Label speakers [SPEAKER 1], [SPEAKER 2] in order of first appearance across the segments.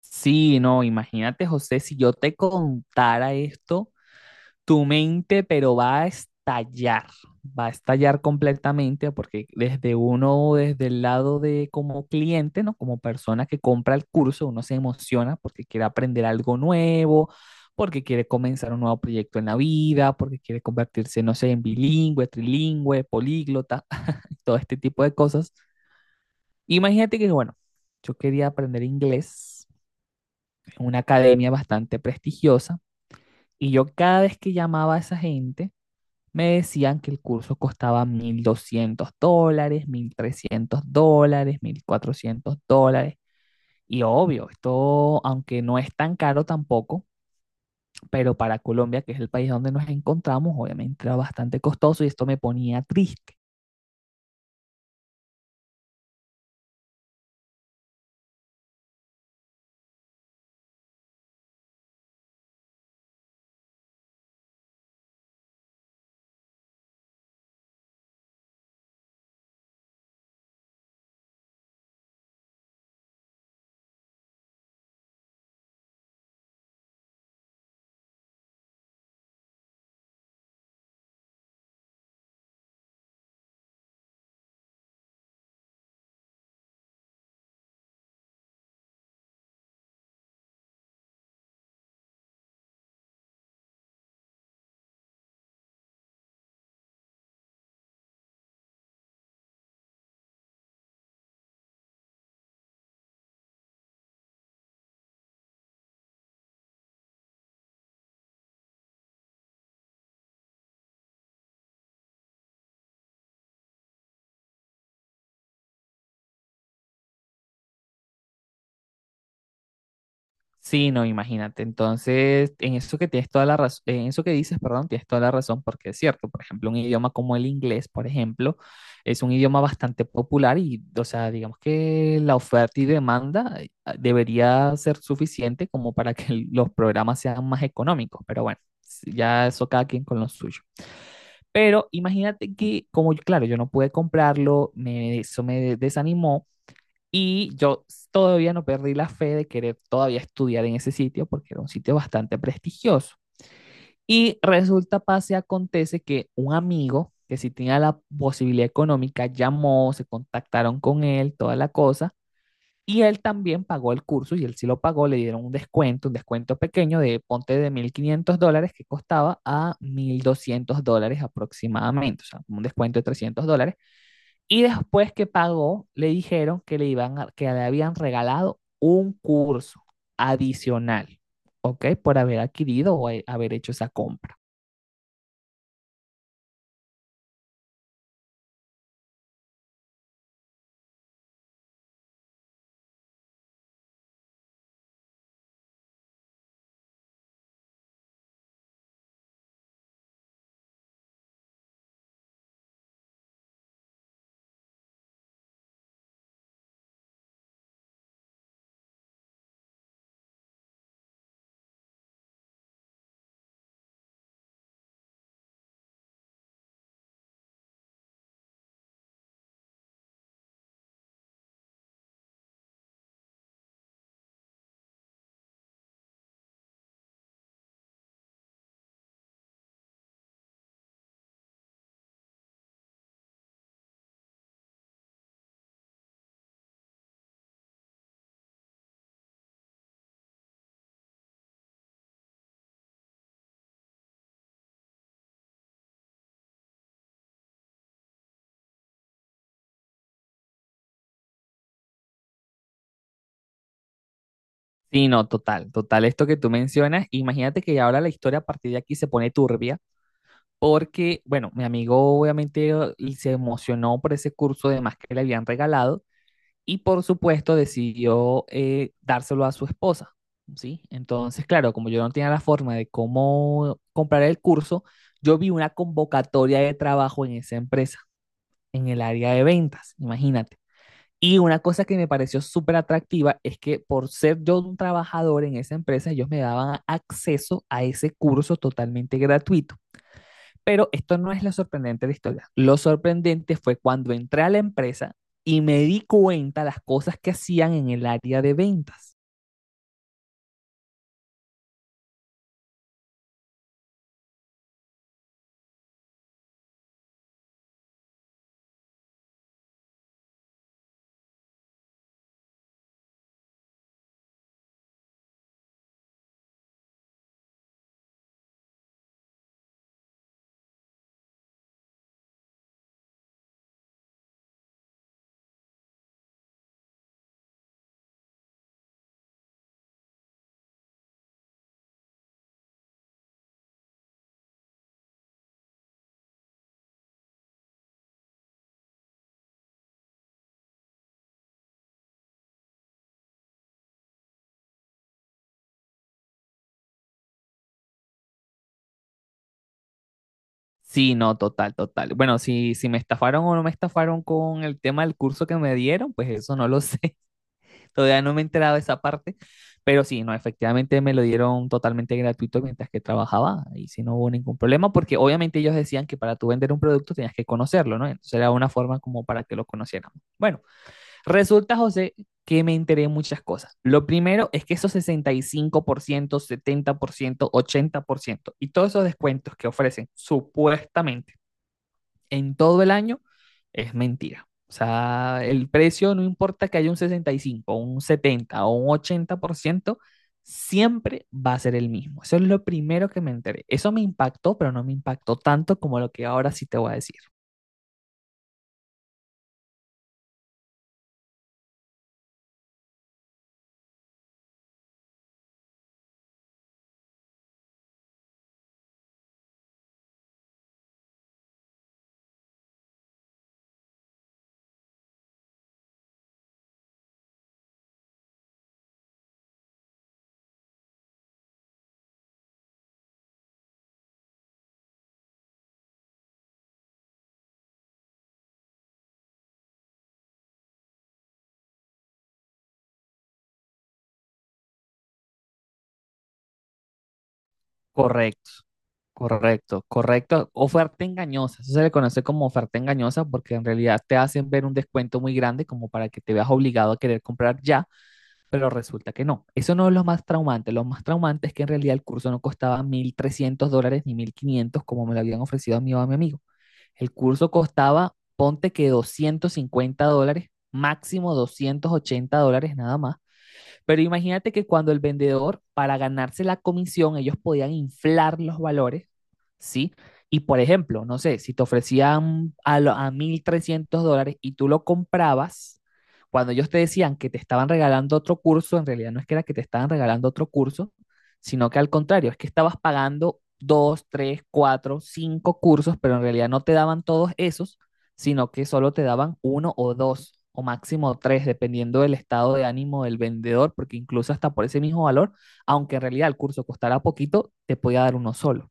[SPEAKER 1] Sí, no, imagínate, José, si yo te contara esto, tu mente, pero va a estallar completamente, porque desde uno, desde el lado de como cliente, ¿no? Como persona que compra el curso, uno se emociona porque quiere aprender algo nuevo, porque quiere comenzar un nuevo proyecto en la vida, porque quiere convertirse, no sé, en bilingüe, trilingüe, políglota, todo este tipo de cosas. Imagínate que, bueno, yo quería aprender inglés una academia bastante prestigiosa, y yo cada vez que llamaba a esa gente, me decían que el curso costaba $1.200, $1.300, $1.400. Y obvio, esto, aunque no es tan caro tampoco, pero para Colombia, que es el país donde nos encontramos, obviamente era bastante costoso y esto me ponía triste. Sí, no, imagínate. Entonces, en eso que tienes toda la razón, en eso que dices, perdón, tienes toda la razón, porque es cierto, por ejemplo, un idioma como el inglés, por ejemplo, es un idioma bastante popular y, o sea, digamos que la oferta y demanda debería ser suficiente como para que los programas sean más económicos, pero bueno, ya eso cada quien con lo suyo. Pero imagínate que, como, claro, yo no pude comprarlo, me, eso me desanimó. Y yo todavía no perdí la fe de querer todavía estudiar en ese sitio porque era un sitio bastante prestigioso. Y resulta, pase, acontece que un amigo que sí tenía la posibilidad económica llamó, se contactaron con él, toda la cosa. Y él también pagó el curso y él sí lo pagó, le dieron un descuento pequeño de ponte de $1.500 que costaba a $1.200 aproximadamente, o sea, un descuento de $300 y después que pagó, le dijeron que le, que le habían regalado un curso adicional, ¿ok? Por haber adquirido o haber hecho esa compra. Sí, no, total, total, esto que tú mencionas, imagínate que ahora la historia a partir de aquí se pone turbia, porque, bueno, mi amigo obviamente se emocionó por ese curso de más que le habían regalado y por supuesto decidió dárselo a su esposa, ¿sí? Entonces, claro, como yo no tenía la forma de cómo comprar el curso, yo vi una convocatoria de trabajo en esa empresa, en el área de ventas, imagínate. Y una cosa que me pareció súper atractiva es que por ser yo un trabajador en esa empresa, ellos me daban acceso a ese curso totalmente gratuito. Pero esto no es lo sorprendente de la historia. Lo sorprendente fue cuando entré a la empresa y me di cuenta las cosas que hacían en el área de ventas. Sí, no, total, total. Bueno, si, si me estafaron o no me estafaron con el tema del curso que me dieron, pues eso no lo sé. Todavía no me he enterado de esa parte. Pero sí, no, efectivamente me lo dieron totalmente gratuito mientras que trabajaba y si no hubo ningún problema, porque obviamente ellos decían que para tú vender un producto tenías que conocerlo, ¿no? Entonces era una forma como para que lo conociéramos. Bueno. Resulta, José, que me enteré de muchas cosas. Lo primero es que esos 65 por ciento, 70%, 80% y todos esos descuentos que ofrecen supuestamente en todo el año es mentira. O sea, el precio no importa que haya un 65, un 70 o un 80% siempre va a ser el mismo. Eso es lo primero que me enteré. Eso me impactó, pero no me impactó tanto como lo que ahora sí te voy a decir. Correcto. Correcto, correcto. Oferta engañosa. Eso se le conoce como oferta engañosa porque en realidad te hacen ver un descuento muy grande como para que te veas obligado a querer comprar ya, pero resulta que no. Eso no es lo más traumante. Lo más traumante es que en realidad el curso no costaba $1.300 ni 1.500, como me lo habían ofrecido a mí o a mi amigo. El curso costaba, ponte que $250, máximo $280 nada más. Pero imagínate que cuando el vendedor, para ganarse la comisión, ellos podían inflar los valores, ¿sí? Y por ejemplo, no sé, si te ofrecían a, a $1.300 y tú lo comprabas, cuando ellos te decían que te estaban regalando otro curso, en realidad no es que era que te estaban regalando otro curso, sino que al contrario, es que estabas pagando dos, tres, cuatro, cinco cursos, pero en realidad no te daban todos esos sino que solo te daban uno o dos o máximo tres, dependiendo del estado de ánimo del vendedor, porque incluso hasta por ese mismo valor, aunque en realidad el curso costara poquito, te podía dar uno solo.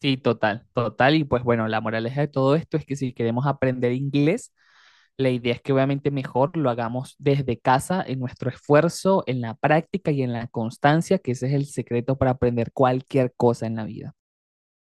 [SPEAKER 1] Sí, total, total. Y pues bueno, la moraleja de todo esto es que si queremos aprender inglés, la idea es que obviamente mejor lo hagamos desde casa, en nuestro esfuerzo, en la práctica y en la constancia, que ese es el secreto para aprender cualquier cosa en la vida.